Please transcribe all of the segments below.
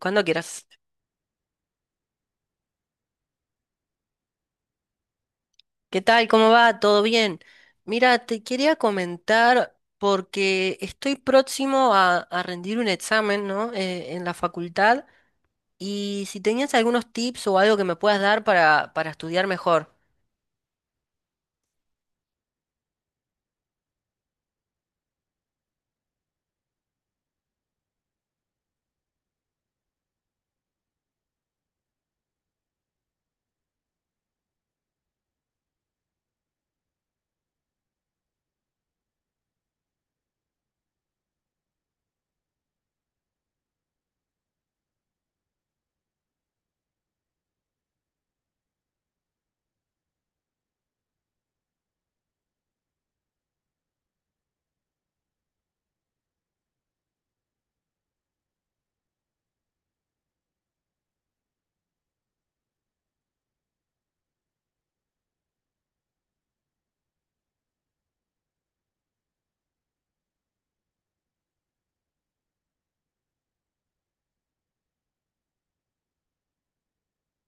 Cuando quieras. ¿Qué tal? ¿Cómo va? ¿Todo bien? Mira, te quería comentar porque estoy próximo a rendir un examen, ¿no? En la facultad y si tenías algunos tips o algo que me puedas dar para estudiar mejor.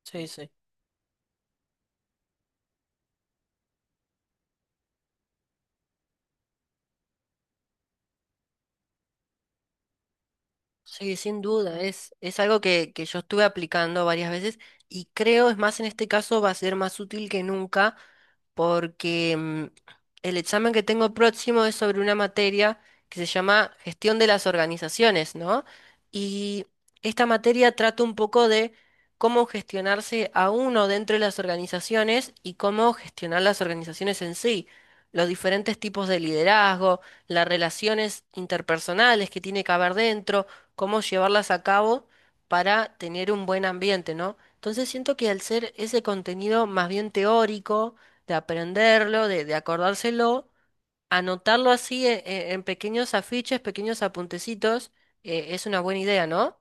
Sí, sí. Sí, sin duda, es algo que yo estuve aplicando varias veces y creo, es más, en este caso va a ser más útil que nunca porque el examen que tengo próximo es sobre una materia que se llama Gestión de las Organizaciones, ¿no? Y esta materia trata un poco de cómo gestionarse a uno dentro de las organizaciones y cómo gestionar las organizaciones en sí, los diferentes tipos de liderazgo, las relaciones interpersonales que tiene que haber dentro, cómo llevarlas a cabo para tener un buen ambiente, ¿no? Entonces siento que al ser ese contenido más bien teórico, de aprenderlo, de acordárselo, anotarlo así en pequeños afiches, pequeños apuntecitos, es una buena idea, ¿no?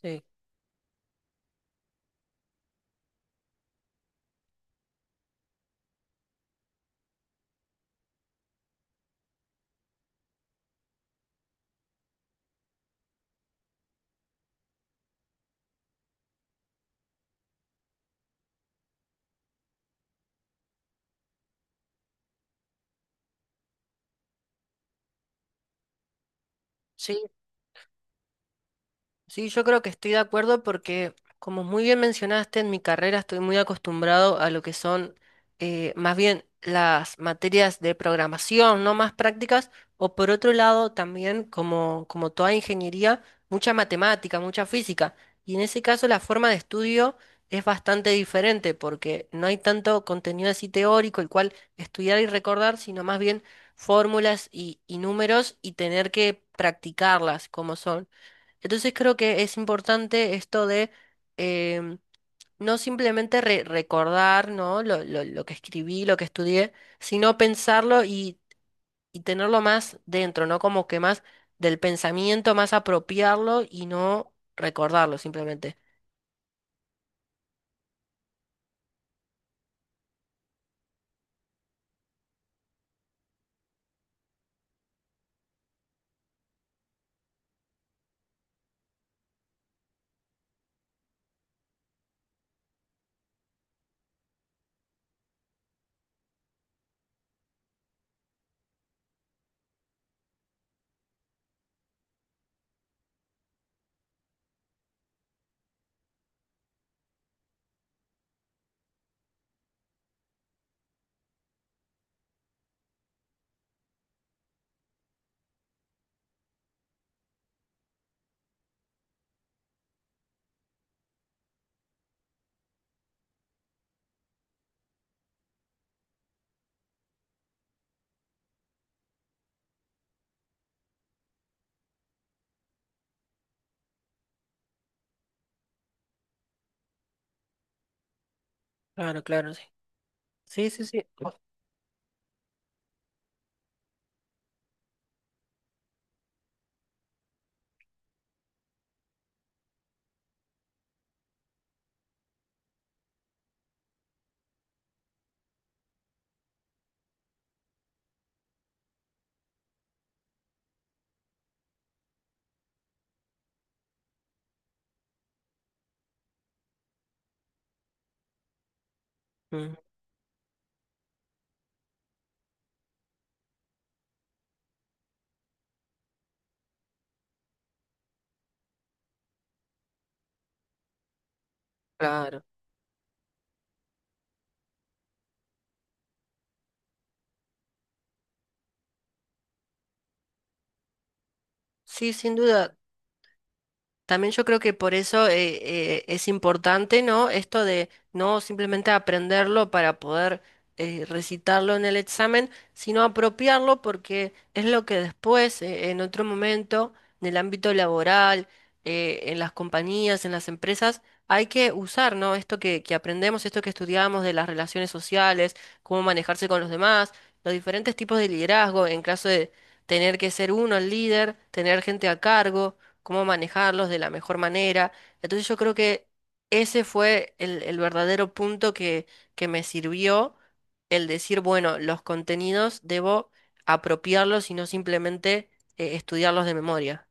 Sí. Sí, Sí, yo creo que estoy de acuerdo porque, como muy bien mencionaste, en mi carrera estoy muy acostumbrado a lo que son más bien las materias de programación, no más prácticas, o por otro lado también, como toda ingeniería, mucha matemática, mucha física. Y en ese caso la forma de estudio es bastante diferente porque no hay tanto contenido así teórico, el cual estudiar y recordar, sino más bien fórmulas y números y tener que practicarlas como son. Entonces creo que es importante esto de em, no simplemente recordar, ¿no? Lo que escribí, lo que estudié, sino pensarlo y tenerlo más dentro, ¿no? Como que más del pensamiento, más apropiarlo y no recordarlo simplemente. Claro, claro, sí. Sí, sí, mm, claro. Sí, sin duda. También yo creo que por eso es importante, ¿no? Esto de no simplemente aprenderlo para poder recitarlo en el examen, sino apropiarlo porque es lo que después, en otro momento, en el ámbito laboral, en las compañías, en las empresas, hay que usar, ¿no? Esto que aprendemos, esto que estudiamos de las relaciones sociales, cómo manejarse con los demás, los diferentes tipos de liderazgo en caso de tener que ser uno el líder, tener gente a cargo cómo manejarlos de la mejor manera. Entonces yo creo que ese fue el verdadero punto que me sirvió, el decir, bueno, los contenidos debo apropiarlos y no simplemente estudiarlos de memoria.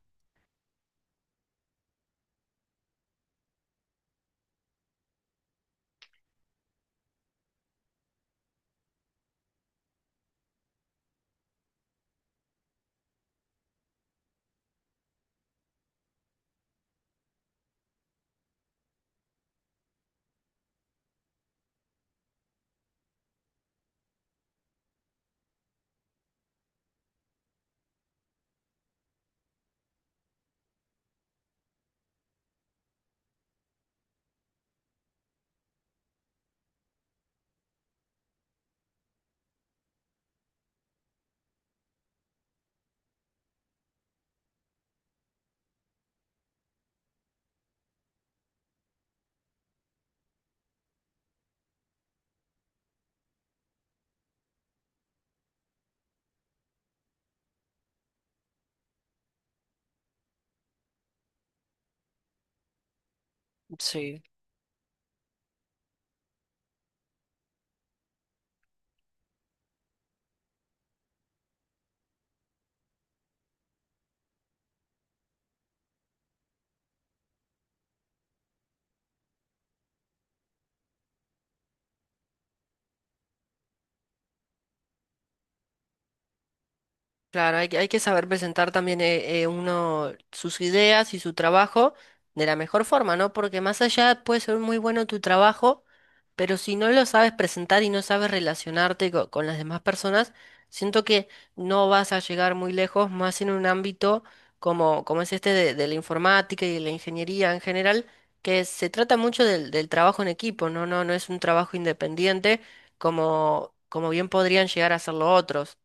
Claro, que hay que saber presentar también uno sus ideas y su trabajo de la mejor forma, ¿no? Porque más allá puede ser muy bueno tu trabajo, pero si no lo sabes presentar y no sabes relacionarte con las demás personas, siento que no vas a llegar muy lejos, más en un ámbito como es este de la informática y de la ingeniería en general, que se trata mucho del trabajo en equipo, ¿no? No, no es un trabajo independiente como bien podrían llegar a hacerlo otros.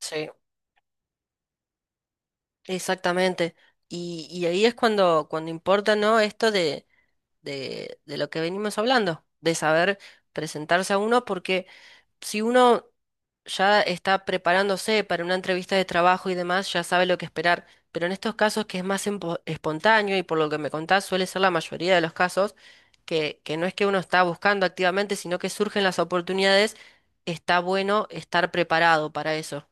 Sí. Exactamente. Y ahí es cuando, cuando importa, ¿no? Esto de lo que venimos hablando, de saber presentarse a uno, porque si uno ya está preparándose para una entrevista de trabajo y demás, ya sabe lo que esperar. Pero en estos casos que es más espontáneo y por lo que me contás suele ser la mayoría de los casos, que no es que uno está buscando activamente, sino que surgen las oportunidades, está bueno estar preparado para eso.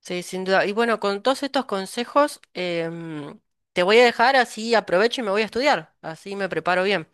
Sí, sin duda. Y bueno, con todos estos consejos, te voy a dejar así aprovecho y me voy a estudiar. Así me preparo bien.